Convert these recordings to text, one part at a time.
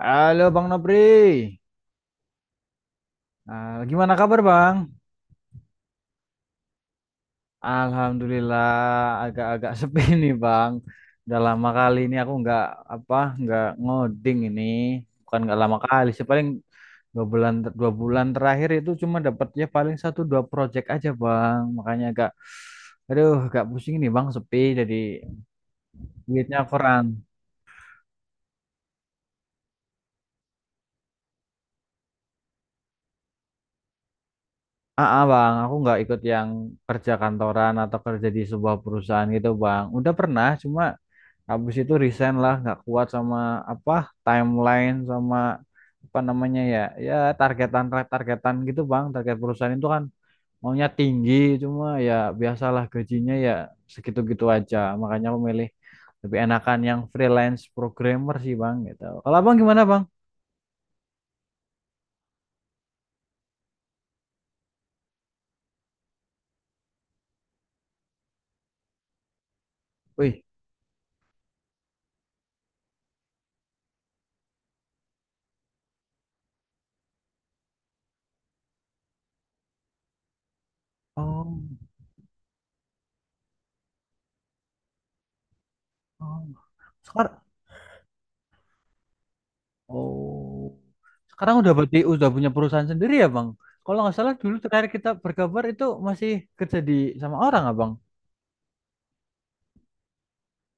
Halo Bang Nopri. Gimana kabar Bang? Alhamdulillah agak-agak sepi nih Bang. Udah lama kali ini aku nggak apa nggak ngoding ini, bukan nggak lama kali sih paling 2 bulan. 2 bulan terakhir itu cuma dapatnya paling satu dua project aja Bang. Makanya agak, aduh, agak pusing nih Bang, sepi jadi duitnya kurang. Bang, aku nggak ikut yang kerja kantoran atau kerja di sebuah perusahaan gitu Bang. Udah pernah, cuma habis itu resign lah, nggak kuat sama apa timeline, sama apa namanya ya, ya targetan targetan gitu bang. Target perusahaan itu kan maunya tinggi, cuma ya biasalah gajinya ya segitu-gitu aja. Makanya aku milih lebih enakan yang freelance programmer sih bang gitu. Kalau abang gimana bang? Wih, oh, oh, sekarang. Oh, sekarang udah berarti udah punya perusahaan sendiri ya bang? Kalau nggak salah dulu terakhir kita berkabar itu masih kerja di, sama orang abang.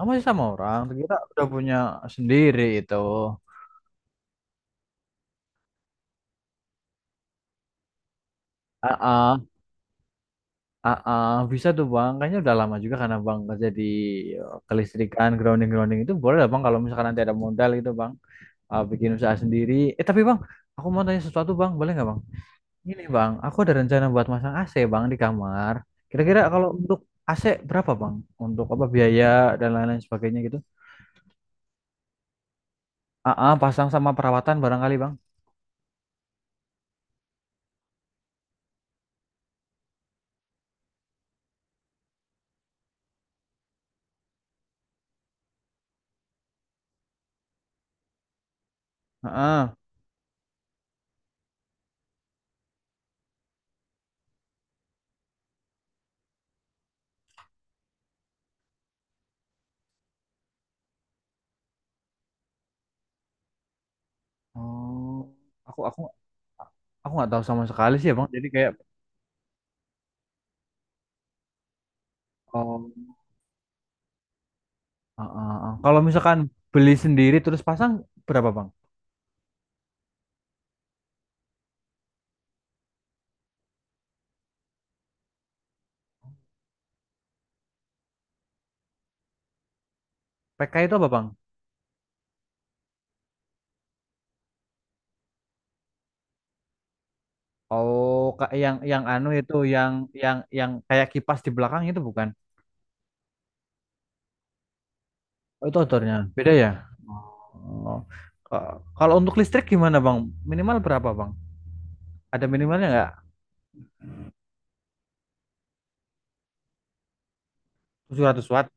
Oh, masih sama orang, terkira udah punya sendiri itu. ah ah ah, ah. Bisa tuh bang, kayaknya udah lama juga karena bang kerja di, kelistrikan, grounding-grounding itu boleh lah bang kalau misalkan nanti ada modal gitu bang. Bikin usaha sendiri. Tapi bang, aku mau tanya sesuatu bang, boleh nggak bang? Ini bang, aku ada rencana buat masang AC bang di kamar. Kira-kira kalau untuk AC berapa bang? Untuk apa biaya dan lain-lain sebagainya gitu? Pasang sama perawatan barangkali bang. Ah, ah. Oh, aku aku nggak tahu sama sekali sih ya bang jadi kayak, oh, ah. Kalau misalkan beli sendiri terus pasang berapa bang? PK itu apa bang? Oh, yang anu itu, yang yang kayak kipas di belakang itu bukan? Oh, itu outdoornya beda ya. Oh. Ka- Kalau untuk listrik gimana bang, minimal berapa bang, ada minimalnya nggak? 700 watt,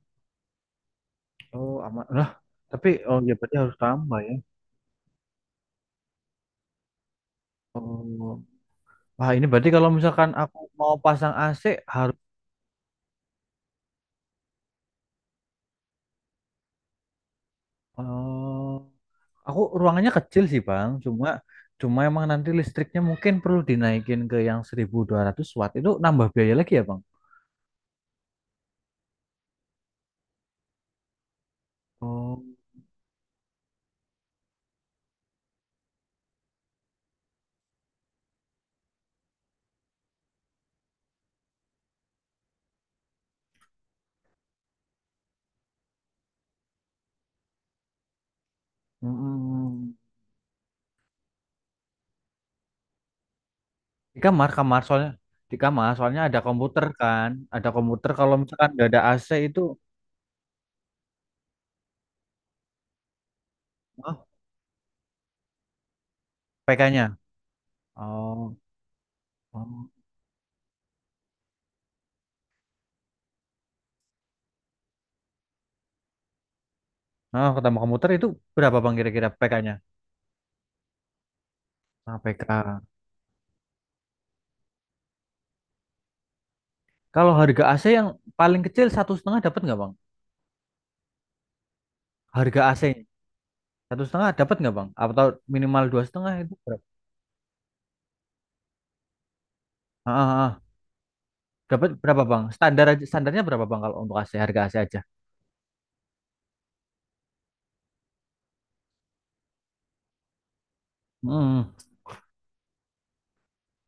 oh aman lah. Tapi oh ya berarti harus tambah ya. Oh, wah ini berarti kalau misalkan aku mau pasang AC harus. Oh, aku ruangannya kecil sih Bang, cuma, cuma emang nanti listriknya mungkin perlu dinaikin ke yang 1200 watt. Itu nambah biaya lagi ya Bang. Oh. Mm-mm. Di kamar, kamar soalnya. Di kamar soalnya ada komputer kan, ada komputer. Kalau misalkan nggak ada AC itu, oh, PK-nya. Oh, oh. Nah, ketambah komputer itu berapa Bang kira-kira PK-nya? Nah, PK. Kalau harga AC yang paling kecil satu setengah dapat nggak Bang? Harga AC satu setengah dapat nggak Bang? Atau minimal dua setengah itu berapa? Ah, ah, ah. Dapat berapa bang? Standar aja, standarnya berapa bang kalau untuk AC, harga AC aja? Hmm.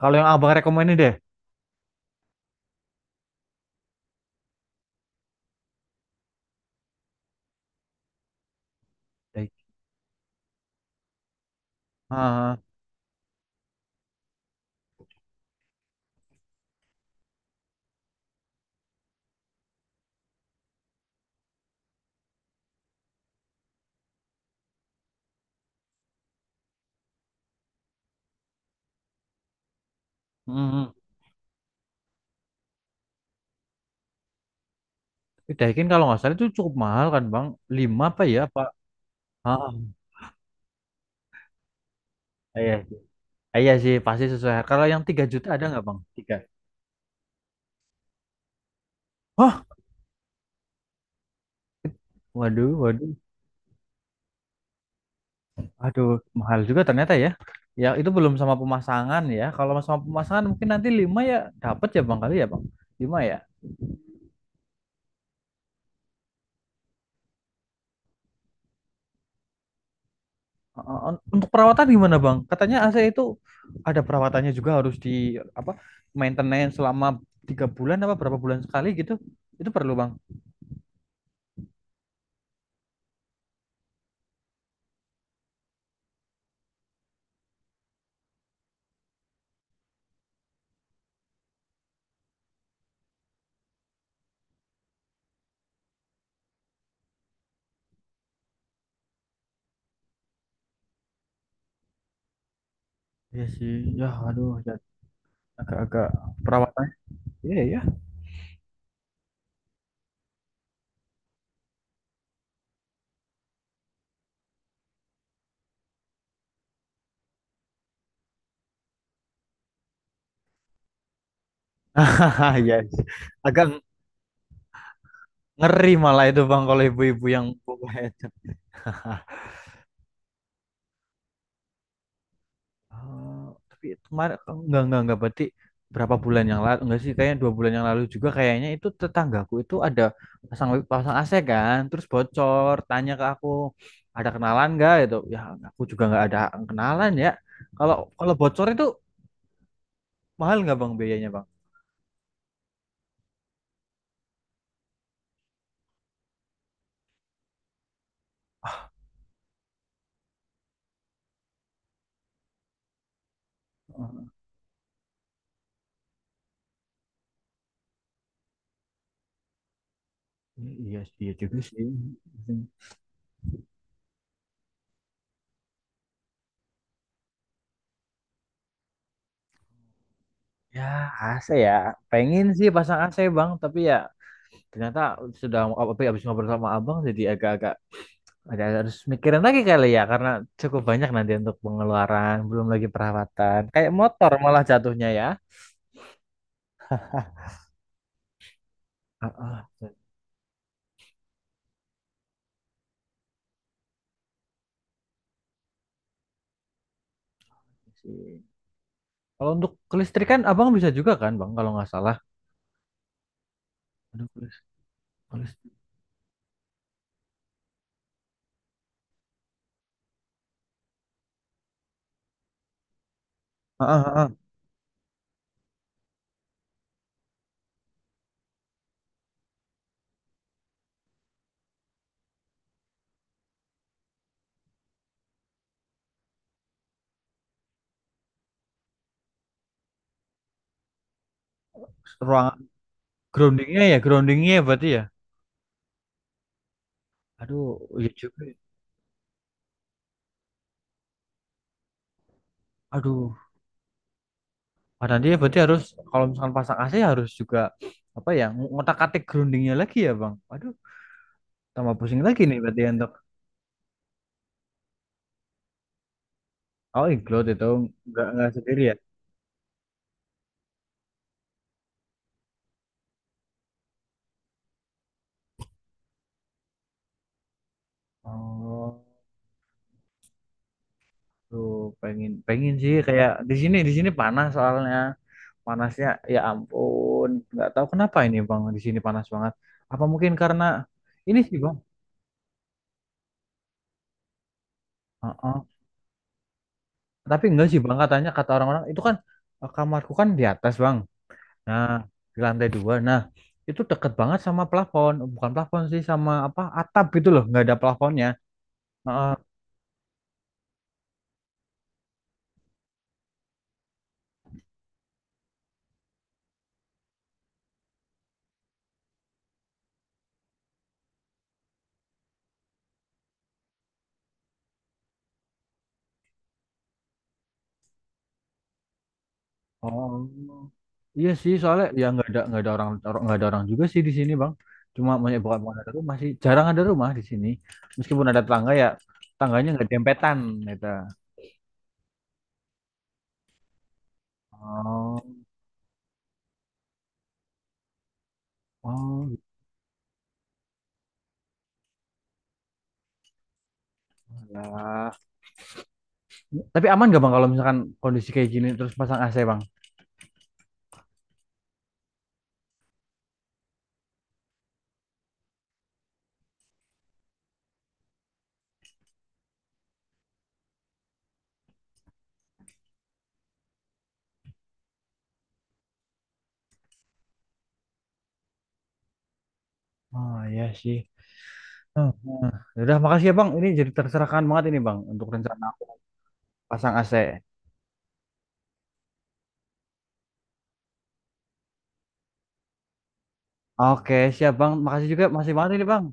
Kalau yang abang rekomenin deh. Daikin. Ah, hmm. Tapi Daikin kalau nggak salah itu cukup mahal kan bang? Lima apa ya? Pak. Ah, iya sih. Iya sih pasti sesuai. Kalau yang 3 juta ada nggak bang? Tiga. Hah, waduh, waduh, aduh, mahal juga ternyata ya. Ya itu belum sama pemasangan ya. Kalau sama pemasangan mungkin nanti 5 ya, dapat ya bang kali ya bang. Lima ya. Untuk perawatan gimana Bang? Katanya AC itu ada perawatannya juga, harus di apa, maintenance selama 3 bulan apa berapa bulan sekali gitu. Itu perlu Bang. Iya sih, ya aduh ya, agak-agak perawatan. Iya ya. Iya, iya. Agak ngeri malah itu Bang kalau ibu-ibu yang buka headset. Oh, tapi kemarin enggak, berarti berapa bulan yang lalu, enggak sih kayaknya, 2 bulan yang lalu juga kayaknya itu, tetanggaku itu ada pasang pasang AC kan, terus bocor tanya ke aku ada kenalan enggak itu ya. Aku juga enggak ada kenalan ya. Kalau, kalau bocor itu mahal enggak bang biayanya bang? Oh, iya sih, iya juga sih. Ya AC ya, pengen sih pasang AC bang, tapi ya ternyata, sudah, tapi habis ngobrol sama abang jadi agak-agak ada harus mikirin lagi kali ya, karena cukup banyak nanti untuk pengeluaran, belum lagi perawatan. Kayak motor malah jatuhnya ya. Ah, ah, jadi sih. Kalau untuk kelistrikan abang bisa juga kan bang kalau nggak salah. Aduh, kelis- ah, ah, ah. Ruangan, groundingnya ya berarti ya. Aduh, iya juga ya. Aduh, Pak Dandi ya berarti harus, kalau misalkan pasang AC harus juga apa ya, ngotak-atik groundingnya lagi ya bang. Aduh, tambah pusing lagi nih berarti untuk. Oh, include itu, nggak sendiri ya. Oh. Tuh, pengen pengen sih, kayak di sini, di sini panas soalnya. Panasnya ya ampun nggak tahu kenapa ini bang di sini panas banget, apa mungkin karena ini sih bang. Heeh. Tapi enggak sih bang, katanya kata orang-orang itu kan, kamarku kan di atas bang, nah, di lantai 2, nah, itu deket banget sama plafon, bukan plafon sih, sama apa, atap gitu loh, nggak ada plafonnya. Heeh. Oh, iya sih soalnya ya nggak ada, nggak ada orang, nggak ada orang juga sih di sini bang. Cuma banyak, bukan bukan ada rumah sih, jarang ada rumah di sini. Meskipun ada tetangga ya, tangganya nggak dempetan gitu. Oh, oh gitu ya. Tapi aman gak bang kalau misalkan kondisi kayak gini terus pasang AC bang? Oh iya sih. Hmm. Hmm. Ya udah, makasih ya bang. Ini jadi tercerahkan banget ini bang untuk rencana aku pasang AC. Oke siap bang. Makasih juga masih banget ini bang.